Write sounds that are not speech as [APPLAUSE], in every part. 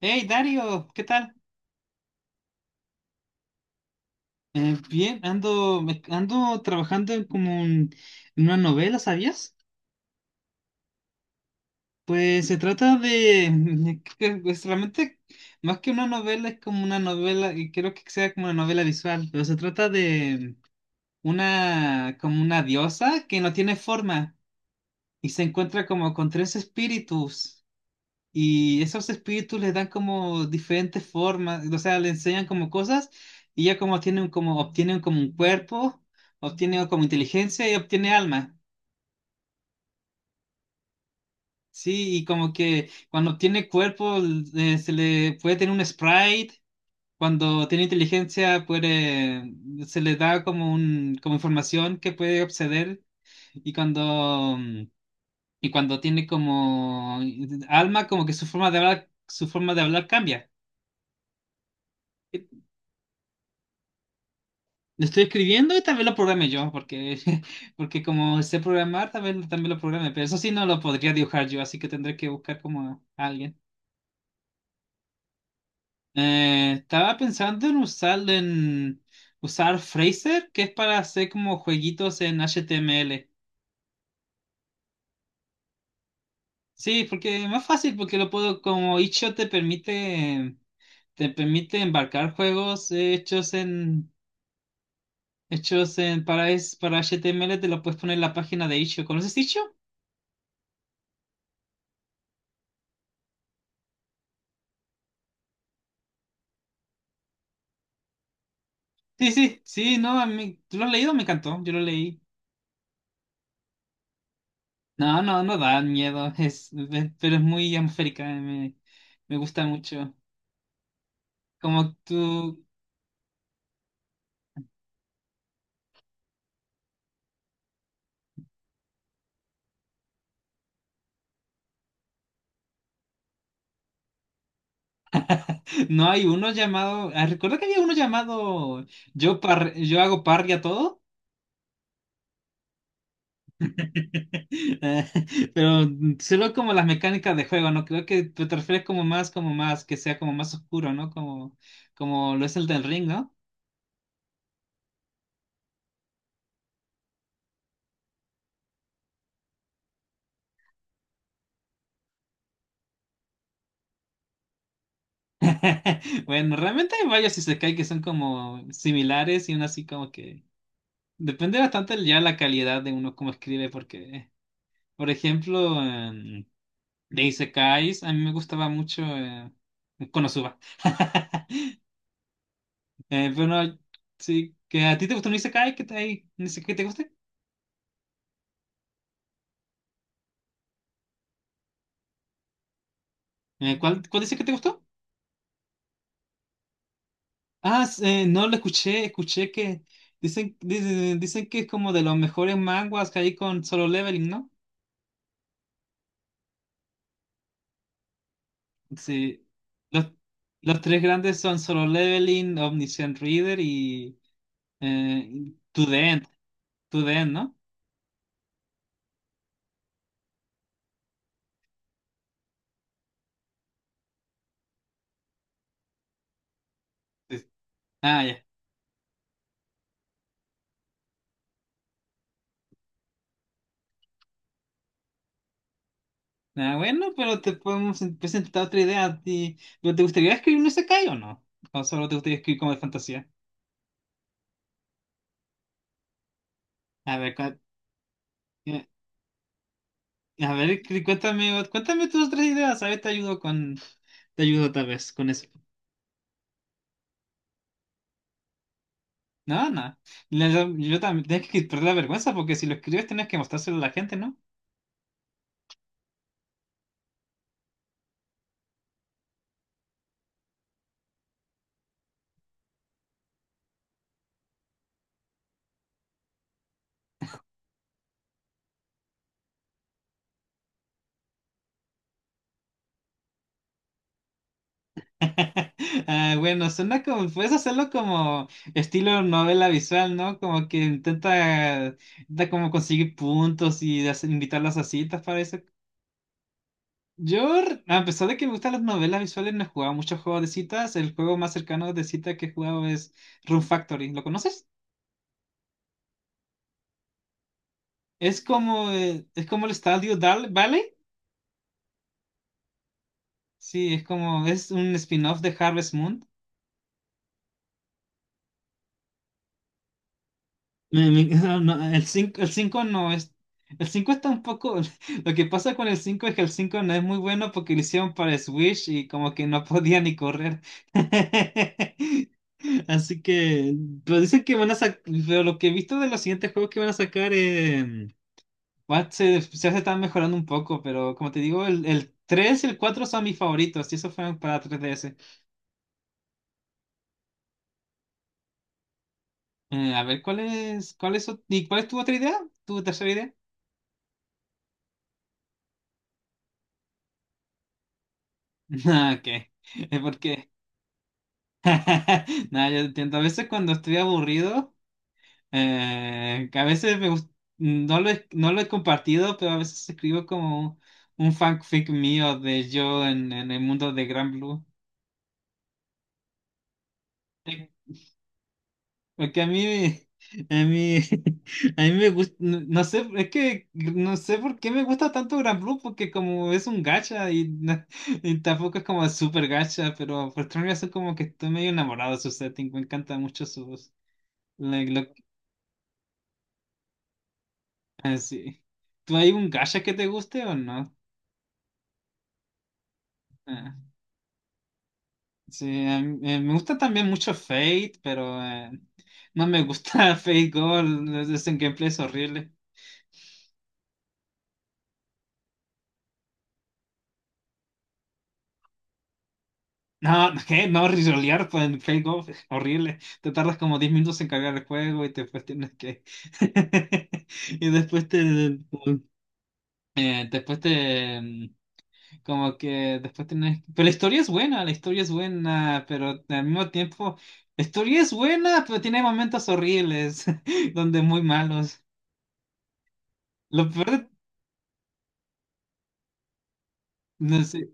Hey Dario, ¿qué tal? Bien, ando, ando trabajando en como en una novela, ¿sabías? Pues se trata de, [LAUGHS] pues realmente más que una novela es como una novela y creo que sea como una novela visual, pero se trata de una como una diosa que no tiene forma y se encuentra como con tres espíritus. Y esos espíritus les dan como diferentes formas, o sea, le enseñan como cosas y ya como tienen como obtienen como un cuerpo, obtienen como inteligencia y obtiene alma. Sí, y como que cuando obtiene cuerpo se le puede tener un sprite, cuando tiene inteligencia puede se le da como un como información que puede acceder y cuando tiene como alma como que su forma de hablar cambia. Lo estoy escribiendo y también lo programe yo, porque, [LAUGHS] porque como sé programar, también lo programe, pero eso sí no lo podría dibujar yo, así que tendré que buscar como a alguien. Estaba pensando en usar Fraser, que es para hacer como jueguitos en HTML. Sí, porque es más fácil, porque lo puedo, como itch.io te permite embarcar juegos hechos en, hechos en, para, es- para HTML, te lo puedes poner en la página de itch.io. ¿Conoces itch.io? Sí, sí, sí, no, a mí, ¿tú lo has leído? Me encantó, yo lo leí. No, no, no da miedo, [LAUGHS] pero es muy atmosférica, me gusta mucho. Como tú, [LAUGHS] no hay uno llamado, ah, recuerdo que había uno llamado Yo, yo hago parry a todo, [LAUGHS] Eh, pero solo como las mecánicas de juego, ¿no? Creo que te refieres como más, que sea como más oscuro, ¿no? Como, como lo es el del ring, ¿no? [LAUGHS] Bueno, realmente hay varios isekai que son como similares y uno así como que depende bastante ya la calidad de uno cómo escribe porque, por ejemplo, de isekais a mí me gustaba mucho Konosuba. [LAUGHS] Pero no, sí, que a ti te gustó un isekai que te, un isekai que te guste. Cuál dice que te gustó? Ah, no lo escuché, escuché que dicen que es como de los mejores manguas que hay con Solo Leveling, ¿no? Sí. Los, los tres grandes son Solo Leveling, Omniscient Reader y To The End. To The End, ¿no? Sí. Ah, ya. Ah, bueno, pero te podemos presentar otra idea a ti. ¿Pero te gustaría escribir un isekai o no? ¿O solo te gustaría escribir como de fantasía? A ver, cua- eh, a ver, cuéntame tus otras ideas. A ver, te ayudo tal vez con eso. No, no. La- Yo, también, tienes que perder la vergüenza porque si lo escribes tienes que mostrárselo a la gente, ¿no? [LAUGHS] Ah, bueno, suena como, puedes hacerlo como estilo novela visual, ¿no? Como que intenta como conseguir puntos y invitarlas a citas para eso. Yo, a pesar de que me gustan las novelas visuales, no he jugado muchos juegos de citas. El juego más cercano de cita que he jugado es Rune Factory. ¿Lo conoces? Es como el Estadio Dal Valley. Sí, es como, es un spin-off de Harvest Moon. Me- me- [LAUGHS] no, no, el 5 no es. El 5 está un poco. [LAUGHS] Lo que pasa con el 5 es que el 5 no es muy bueno porque lo hicieron para Switch y como que no [LAUGHS] podía ni correr. [LAUGHS] Así que. Pero dicen que van a sacar. Pero lo que he visto de los siguientes juegos que van a sacar. Se, se están mejorando un poco, pero como te digo, el 3 y el 4 son mis favoritos y esos fueron para 3DS. A ver, y cuál es tu otra idea? ¿Tu tercera idea? [LAUGHS] Ah, ok. Porque [LAUGHS] Nada, yo entiendo. A veces cuando estoy aburrido, que a veces no lo he compartido, pero a veces escribo como un fanfic mío de yo en el mundo de Gran Blue. Eh, Porque a mí, [LAUGHS] a mí me gusta, no, no sé, es que no sé por qué me gusta tanto Gran Blue, porque como es un gacha y, [LAUGHS] y tampoco es como súper gacha, pero por otra razón como que estoy medio enamorado de su setting, me encanta mucho su voz. Ah, sí. ¿Tú hay un gacha que te guste o no? Ah, sí, me gusta también mucho Fate, pero no me gusta [LAUGHS] Fate Gold. Ese gameplay es horrible. No, [LAUGHS] ¿qué? No, risolear pues, en Fate Gold es horrible. Te tardas como 10 minutos en cargar el juego y después tienes que. [LAUGHS] Y después te. Después te. Como que después tenés... Pero la historia es buena, la historia es buena, pero al mismo tiempo... La historia es buena, pero tiene momentos horribles, [LAUGHS] donde muy malos. Lo peor de... no sé,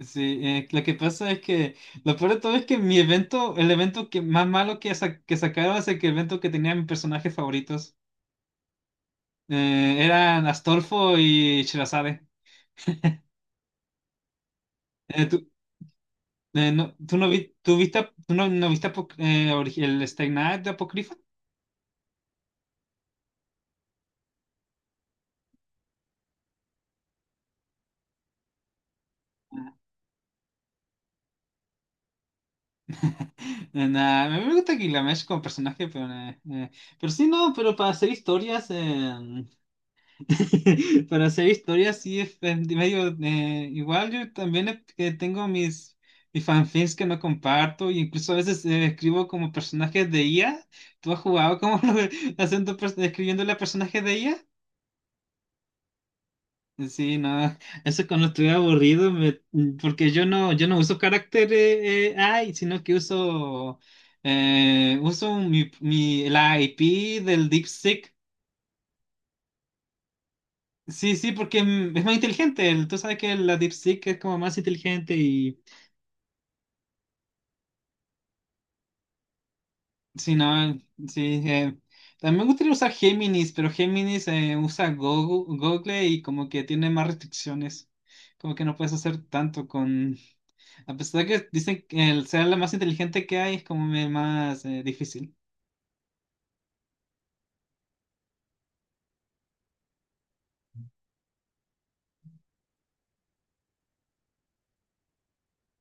sí, lo que pasa es que... Lo peor de todo es que mi evento, el evento que más malo que, que sacaron es evento que tenía mis personajes favoritos. Eran Astolfo y Shirazade. Tú, no, ¿tú no vi- tú viste, tú no, no viste el Stay Night de Apocrypha? [LAUGHS] Nah, me gusta Gilgamesh como personaje, pero sí, no, pero para hacer historias, [LAUGHS] para hacer historias sí es medio igual. Yo también que tengo mis fanfics que no comparto, e incluso a veces escribo como personajes de IA. ¿Tú has jugado como [LAUGHS] escribiéndole a personajes de IA? Sí, no, eso cuando estoy aburrido, porque yo no, yo no uso carácter AI, sino que uso la IP del DeepSeek. Sí, sí, porque es más inteligente. Tú sabes que la DeepSeek es como más inteligente. Sí, no, sí. También me gustaría usar Géminis, pero Géminis usa Google y como que tiene más restricciones. Como que no puedes hacer tanto con... A pesar de que dicen que el ser la más inteligente que hay es como más difícil.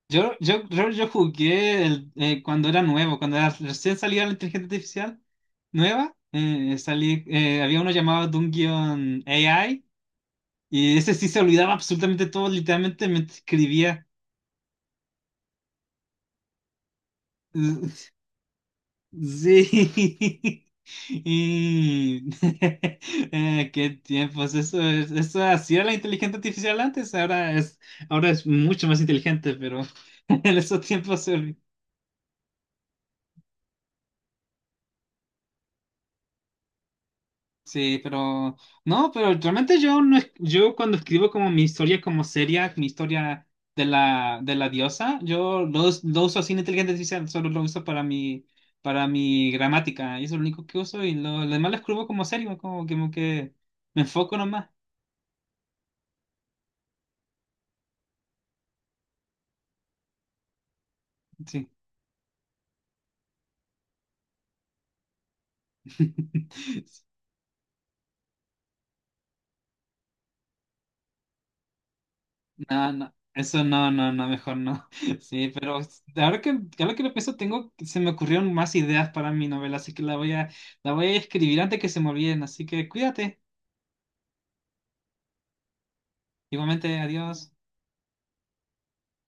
Yo jugué cuando era nuevo, cuando era, recién salía la inteligencia artificial nueva, había uno llamado Dungeon AI y ese sí se olvidaba absolutamente todo, literalmente me escribía. [LAUGHS] Sí. [LAUGHS] Y [LAUGHS] qué tiempos. Eso es, eso así era la inteligencia artificial antes, ahora es, mucho más inteligente, pero [LAUGHS] en esos tiempos se olvi- Sí, pero no, pero realmente yo no es- yo cuando escribo como mi historia como seria, mi historia de la diosa, yo lo uso sin inteligencia artificial, solo lo uso para mi gramática, y eso es lo único que uso y lo demás lo escribo como serio, como, como que me enfoco nomás. Sí. [LAUGHS] No, no, eso no, no, no, mejor no. [LAUGHS] Sí, pero ahora que, lo pienso, se me ocurrieron más ideas para mi novela, así que la voy a escribir antes que se me olviden, así que cuídate. Igualmente, adiós.